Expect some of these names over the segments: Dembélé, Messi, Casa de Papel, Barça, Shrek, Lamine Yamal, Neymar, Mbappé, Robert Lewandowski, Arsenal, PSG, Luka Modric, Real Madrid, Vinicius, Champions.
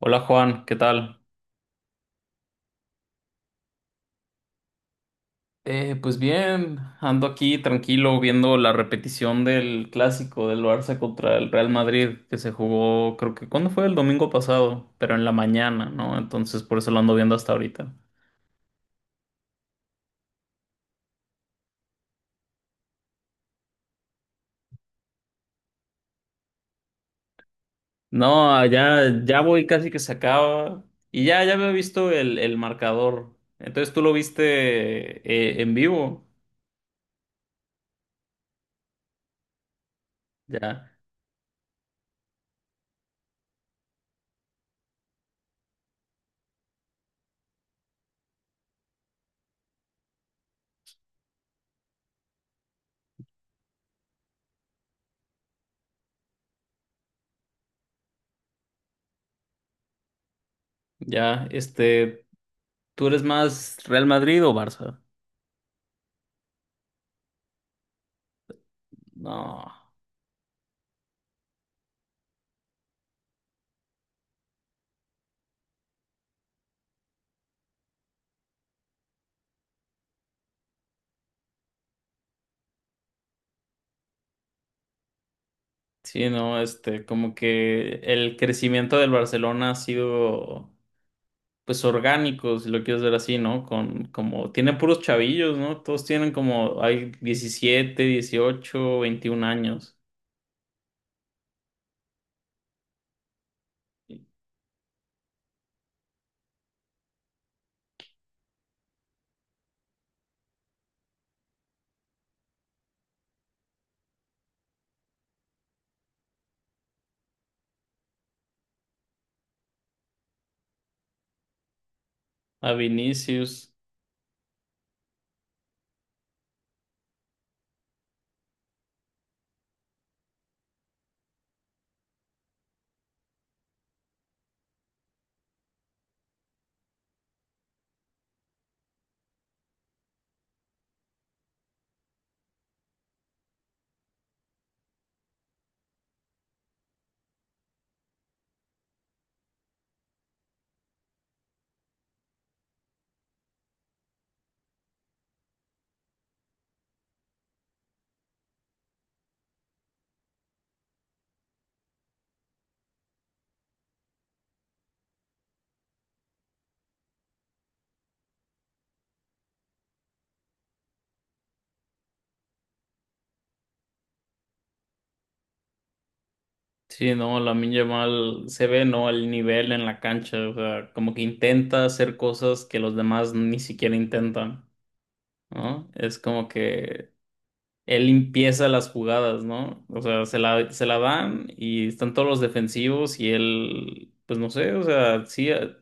Hola Juan, ¿qué tal? Pues bien, ando aquí tranquilo viendo la repetición del clásico del Barça contra el Real Madrid que se jugó, creo que, ¿cuándo fue? El domingo pasado, pero en la mañana, ¿no? Entonces por eso lo ando viendo hasta ahorita. No, ya voy casi que se acaba y ya, ya había visto el marcador. Entonces tú lo viste en vivo, ya, ya, este, ¿tú eres más Real Madrid o Barça? No. Sí, no, este, como que el crecimiento del Barcelona ha sido, pues, orgánico, si lo quieres ver así, ¿no? Con, como, tiene puros chavillos, ¿no? Todos tienen como, hay 17, 18, 21 años. A Vinicius, sí, no, Lamine Yamal se ve, ¿no? El nivel en la cancha, o sea, como que intenta hacer cosas que los demás ni siquiera intentan, ¿no? Es como que él empieza las jugadas, ¿no? O sea, se la dan y están todos los defensivos y él, pues no sé, o sea, sí,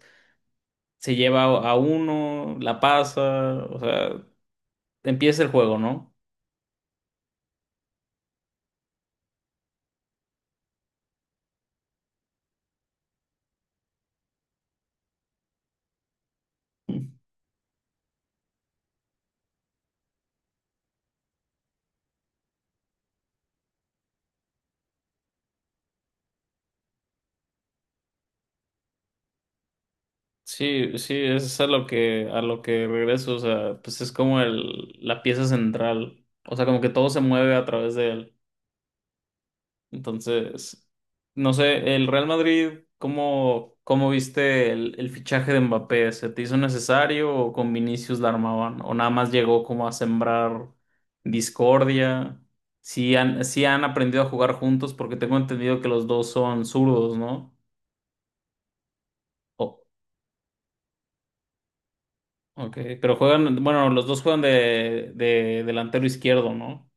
se lleva a uno, la pasa, o sea, empieza el juego, ¿no? Sí, sí, eso es a lo que regreso, o sea, pues es como el, la pieza central, o sea, como que todo se mueve a través de él. Entonces, no sé, el Real Madrid, ¿cómo, cómo viste el fichaje de Mbappé? ¿Se te hizo necesario o con Vinicius la armaban? ¿O nada más llegó como a sembrar discordia? Sí han aprendido a jugar juntos? Porque tengo entendido que los dos son zurdos, ¿no? Oh, ok, pero juegan, bueno, los dos juegan de delantero izquierdo, ¿no?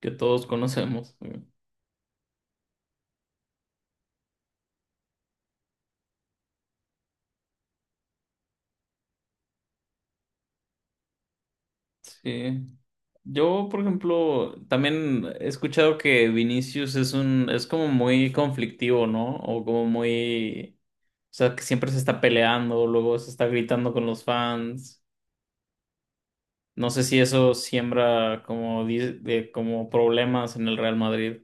Que todos conocemos. Sí. Yo, por ejemplo, también he escuchado que Vinicius es un, es como muy conflictivo, ¿no? O como muy, o sea, que siempre se está peleando, luego se está gritando con los fans. No sé si eso siembra como, di- de, como problemas en el Real Madrid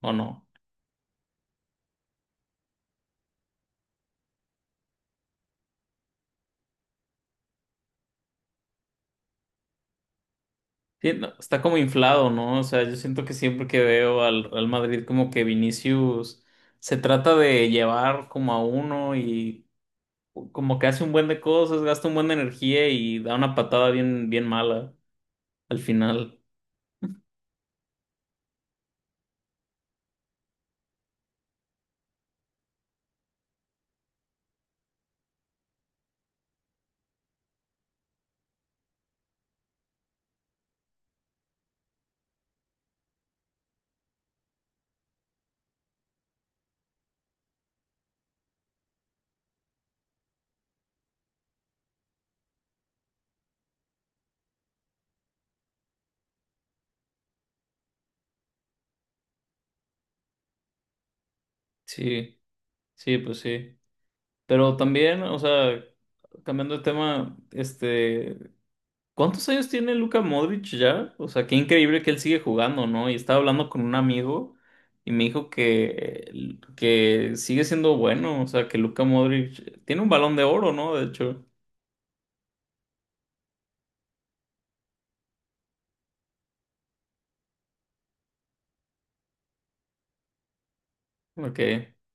o no. Sí, no, está como inflado, ¿no? O sea, yo siento que siempre que veo al Real Madrid como que Vinicius se trata de llevar como a uno y como que hace un buen de cosas, gasta un buen de energía y da una patada bien, bien mala al final. Sí, sí, pues sí. Pero también, o sea, cambiando de tema, este, ¿cuántos años tiene Luka Modric ya? O sea, qué increíble que él sigue jugando, ¿no? Y estaba hablando con un amigo y me dijo que sigue siendo bueno, o sea, que Luka Modric tiene un balón de oro, ¿no? De hecho, ok.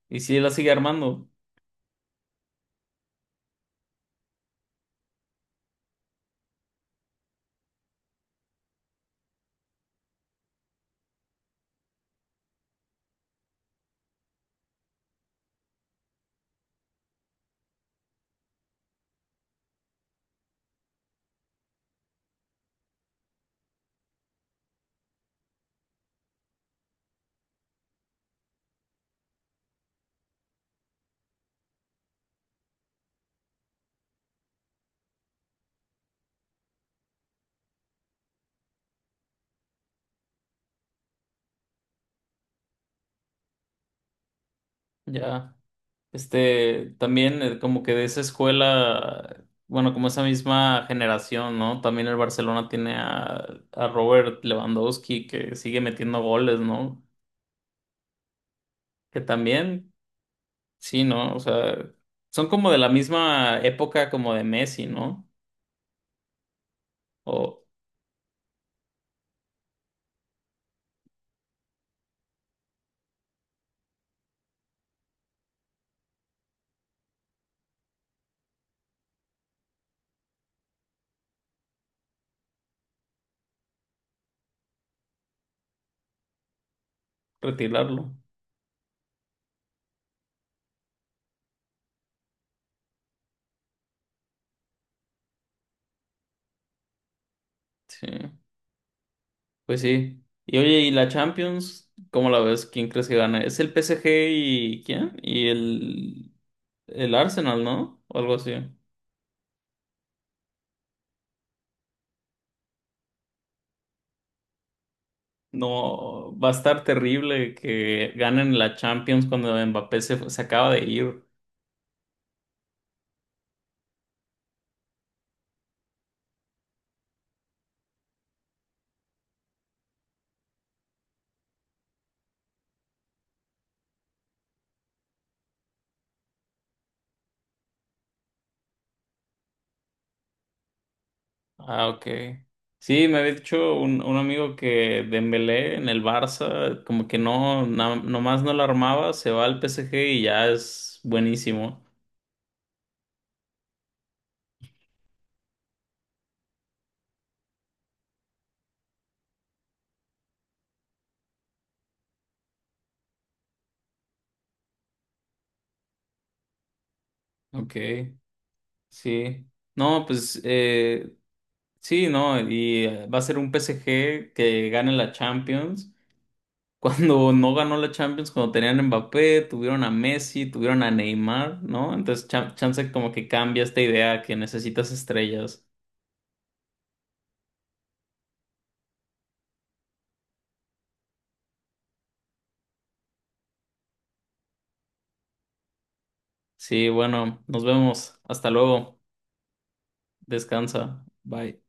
Y si la sigue armando, ya. Este, también como que de esa escuela, bueno, como esa misma generación, ¿no? También el Barcelona tiene a Robert Lewandowski que sigue metiendo goles, ¿no? Que también, sí, ¿no? O sea, son como de la misma época como de Messi, ¿no? O retirarlo. Sí, pues sí. Y oye, ¿y la Champions? ¿Cómo la ves? ¿Quién crees que gana? ¿Es el PSG y quién? Y el Arsenal, ¿no? O algo así. No, va a estar terrible que ganen la Champions cuando Mbappé se, fu- se acaba de ir. Ah, ok. Sí, me había dicho un amigo que Dembélé en el Barça, como que no, na- nomás no la armaba, se va al PSG y ya es buenísimo. Ok, sí. No, pues sí, no, y va a ser un PSG que gane la Champions. Cuando no ganó la Champions, cuando tenían a Mbappé, tuvieron a Messi, tuvieron a Neymar, ¿no? Entonces, chan- chance como que cambia esta idea que necesitas estrellas. Sí, bueno, nos vemos. Hasta luego. Descansa. Bye.